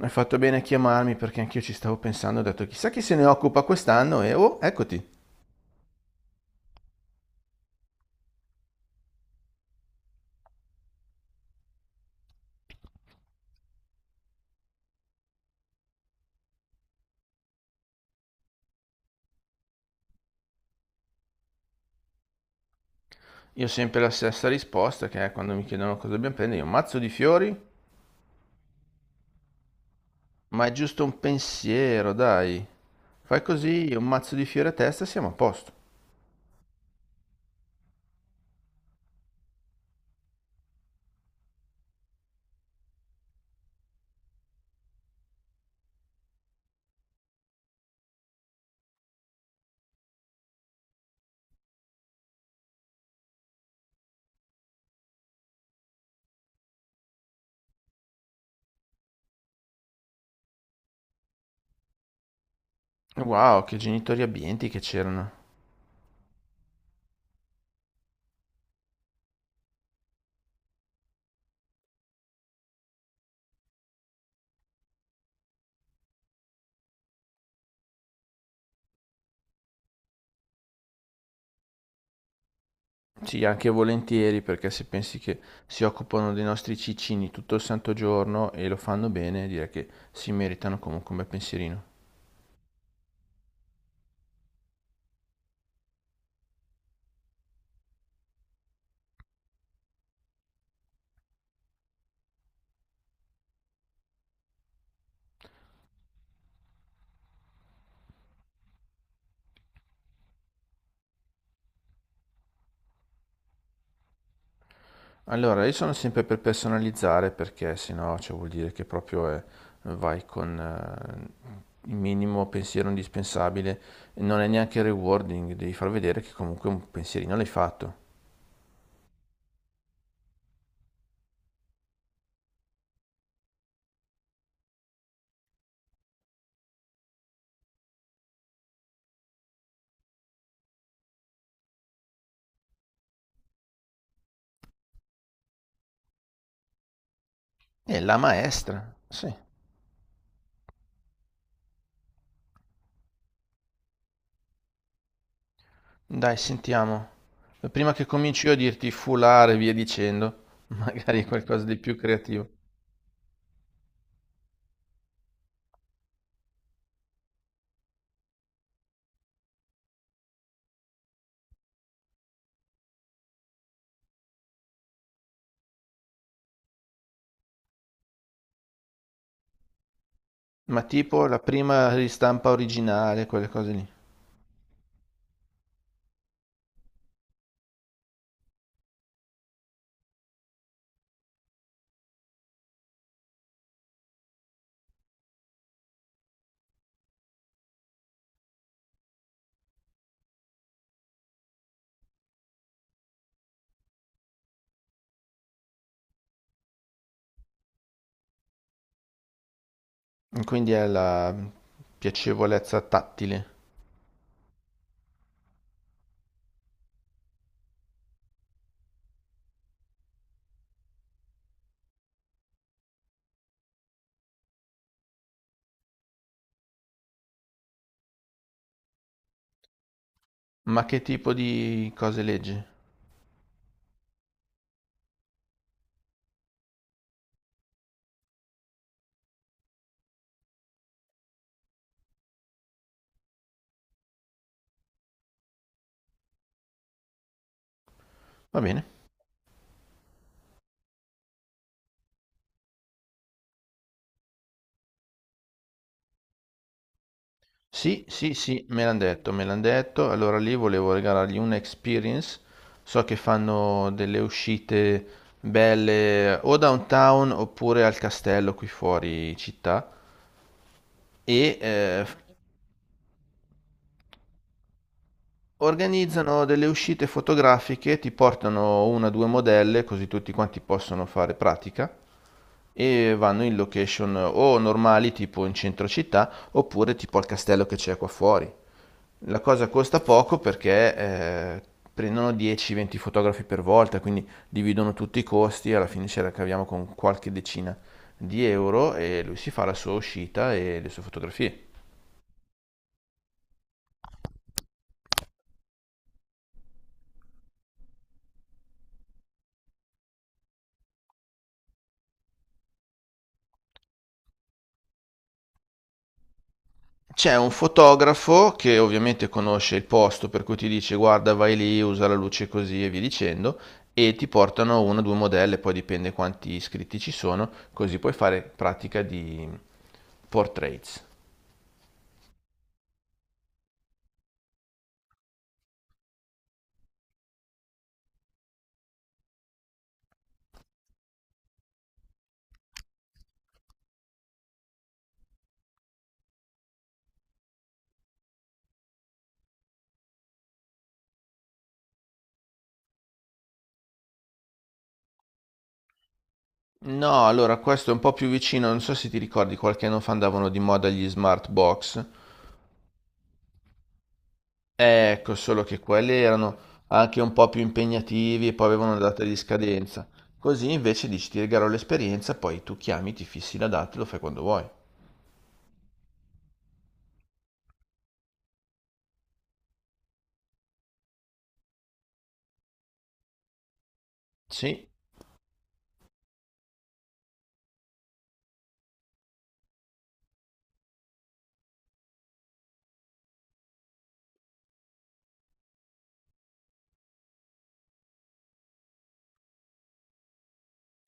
Hai fatto bene a chiamarmi perché anch'io ci stavo pensando, ho detto chissà chi se ne occupa quest'anno e oh, eccoti. Io ho sempre la stessa risposta che è quando mi chiedono cosa dobbiamo prendere, io un mazzo di fiori, ma è giusto un pensiero, dai. Fai così, un mazzo di fiori a testa, siamo a posto. Wow, che genitori abbienti che c'erano. Sì, anche volentieri, perché se pensi che si occupano dei nostri ciccini tutto il santo giorno e lo fanno bene, direi che si meritano comunque un bel pensierino. Allora, io sono sempre per personalizzare perché sennò cioè, vuol dire che vai con il minimo pensiero indispensabile, non è neanche rewarding, devi far vedere che comunque un pensierino l'hai fatto. E la maestra, sì. Dai, sentiamo. Prima che cominci io a dirti foulard e via dicendo, magari qualcosa di più creativo. Ma tipo la prima ristampa originale, quelle cose lì. Quindi è la piacevolezza tattile. Ma che tipo di cose leggi? Va bene. Sì, sì, sì, me l'han detto, me l'han detto. Allora lì volevo regalargli una experience. So che fanno delle uscite belle o downtown oppure al castello qui fuori città e organizzano delle uscite fotografiche, ti portano una o due modelle così tutti quanti possono fare pratica e vanno in location o normali tipo in centro città oppure tipo al castello che c'è qua fuori. La cosa costa poco perché prendono 10-20 fotografi per volta, quindi dividono tutti i costi e alla fine ce la caviamo con qualche decina di euro e lui si fa la sua uscita e le sue fotografie. C'è un fotografo che ovviamente conosce il posto per cui ti dice guarda vai lì, usa la luce così e via dicendo e ti portano una o due modelle, poi dipende quanti iscritti ci sono, così puoi fare pratica di portraits. No, allora questo è un po' più vicino, non so se ti ricordi, qualche anno fa andavano di moda gli smart box. Ecco, solo che quelli erano anche un po' più impegnativi e poi avevano una data di scadenza. Così invece dici ti regalo l'esperienza, poi tu chiami, ti fissi la data e lo fai quando vuoi. Sì,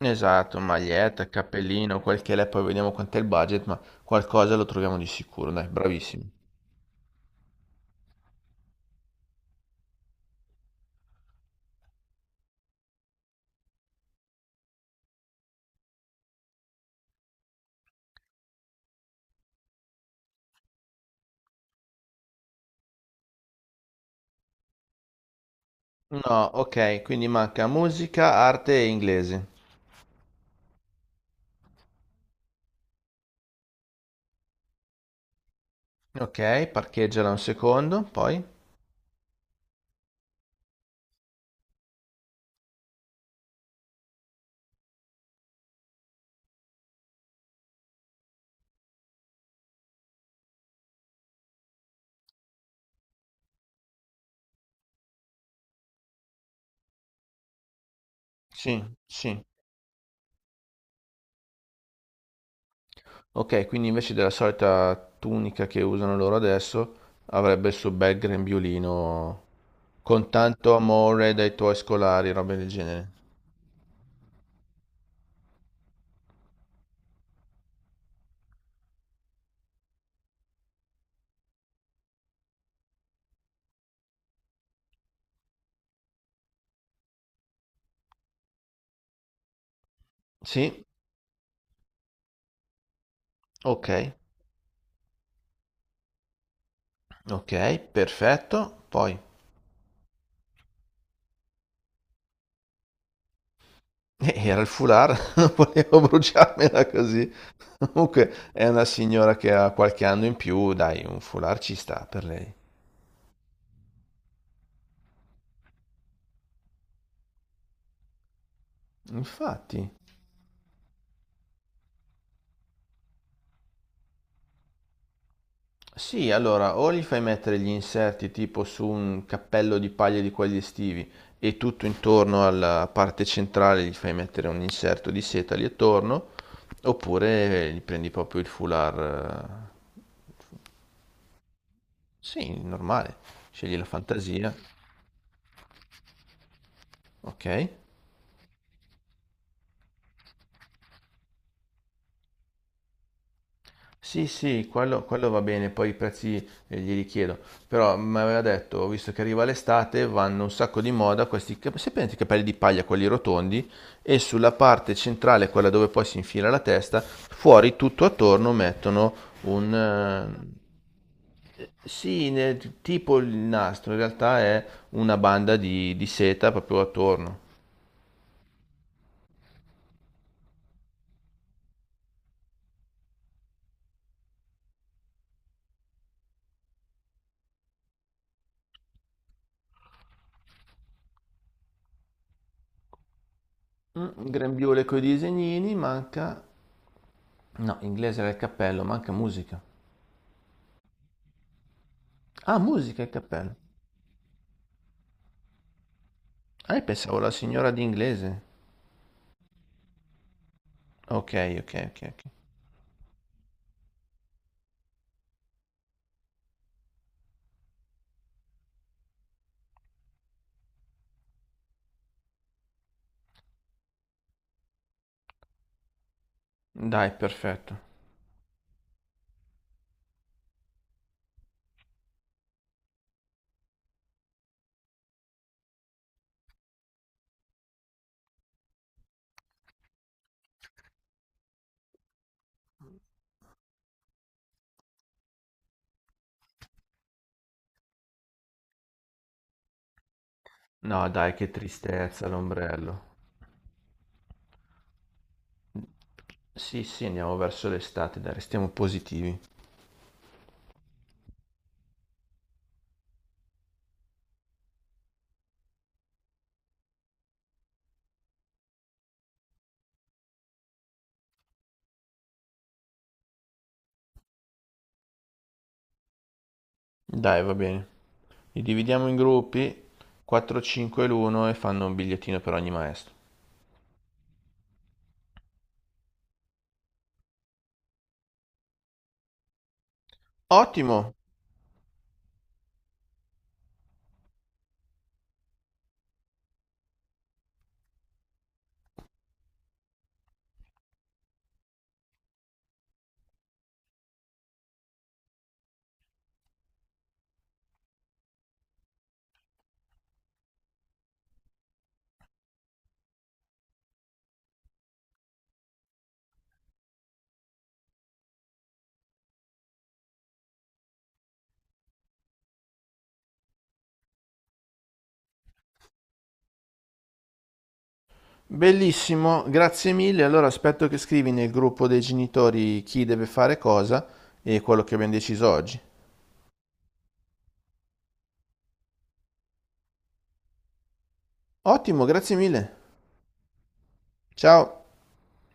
esatto, maglietta, cappellino, quel che l'è, poi vediamo quant'è il budget, ma qualcosa lo troviamo di sicuro, dai, bravissimo. No, ok, quindi manca musica, arte e inglese. Ok, parcheggiala un secondo, poi. Sì, sì. Ok, quindi invece della solita tunica che usano loro adesso, avrebbe il suo bel grembiulino con tanto amore dai tuoi scolari, robe del genere. Sì, ok, ok, perfetto. Poi era il foulard, non volevo bruciarmela così. Comunque è una signora che ha qualche anno in più, dai, un foulard ci sta per lei. Infatti. Sì, allora, o gli fai mettere gli inserti tipo su un cappello di paglia di quelli estivi e tutto intorno alla parte centrale gli fai mettere un inserto di seta lì attorno, oppure gli prendi proprio il foulard, sì, normale, scegli la fantasia, ok? Sì, sì, quello va bene, poi i prezzi glieli chiedo. Però mi aveva detto, visto che arriva l'estate, vanno un sacco di moda questi, se prendete i capelli di paglia, quelli rotondi, e sulla parte centrale, quella dove poi si infila la testa, fuori tutto attorno mettono un... tipo il nastro, in realtà è una banda di seta proprio attorno. Grembiule coi disegnini, manca... No, inglese era il cappello, manca musica. Ah, musica e cappello. Ah, io pensavo la signora di inglese. Ok, ok, ok, ok. Dai, perfetto. No, dai, che tristezza l'ombrello. Sì, sì, andiamo verso l'estate, dai, restiamo positivi. Dai, va bene. Li dividiamo in gruppi, 4, 5 l'uno e fanno un bigliettino per ogni maestro. Ottimo, bellissimo, grazie mille. Allora aspetto che scrivi nel gruppo dei genitori chi deve fare cosa e quello che abbiamo deciso oggi. Ottimo, grazie mille. Ciao.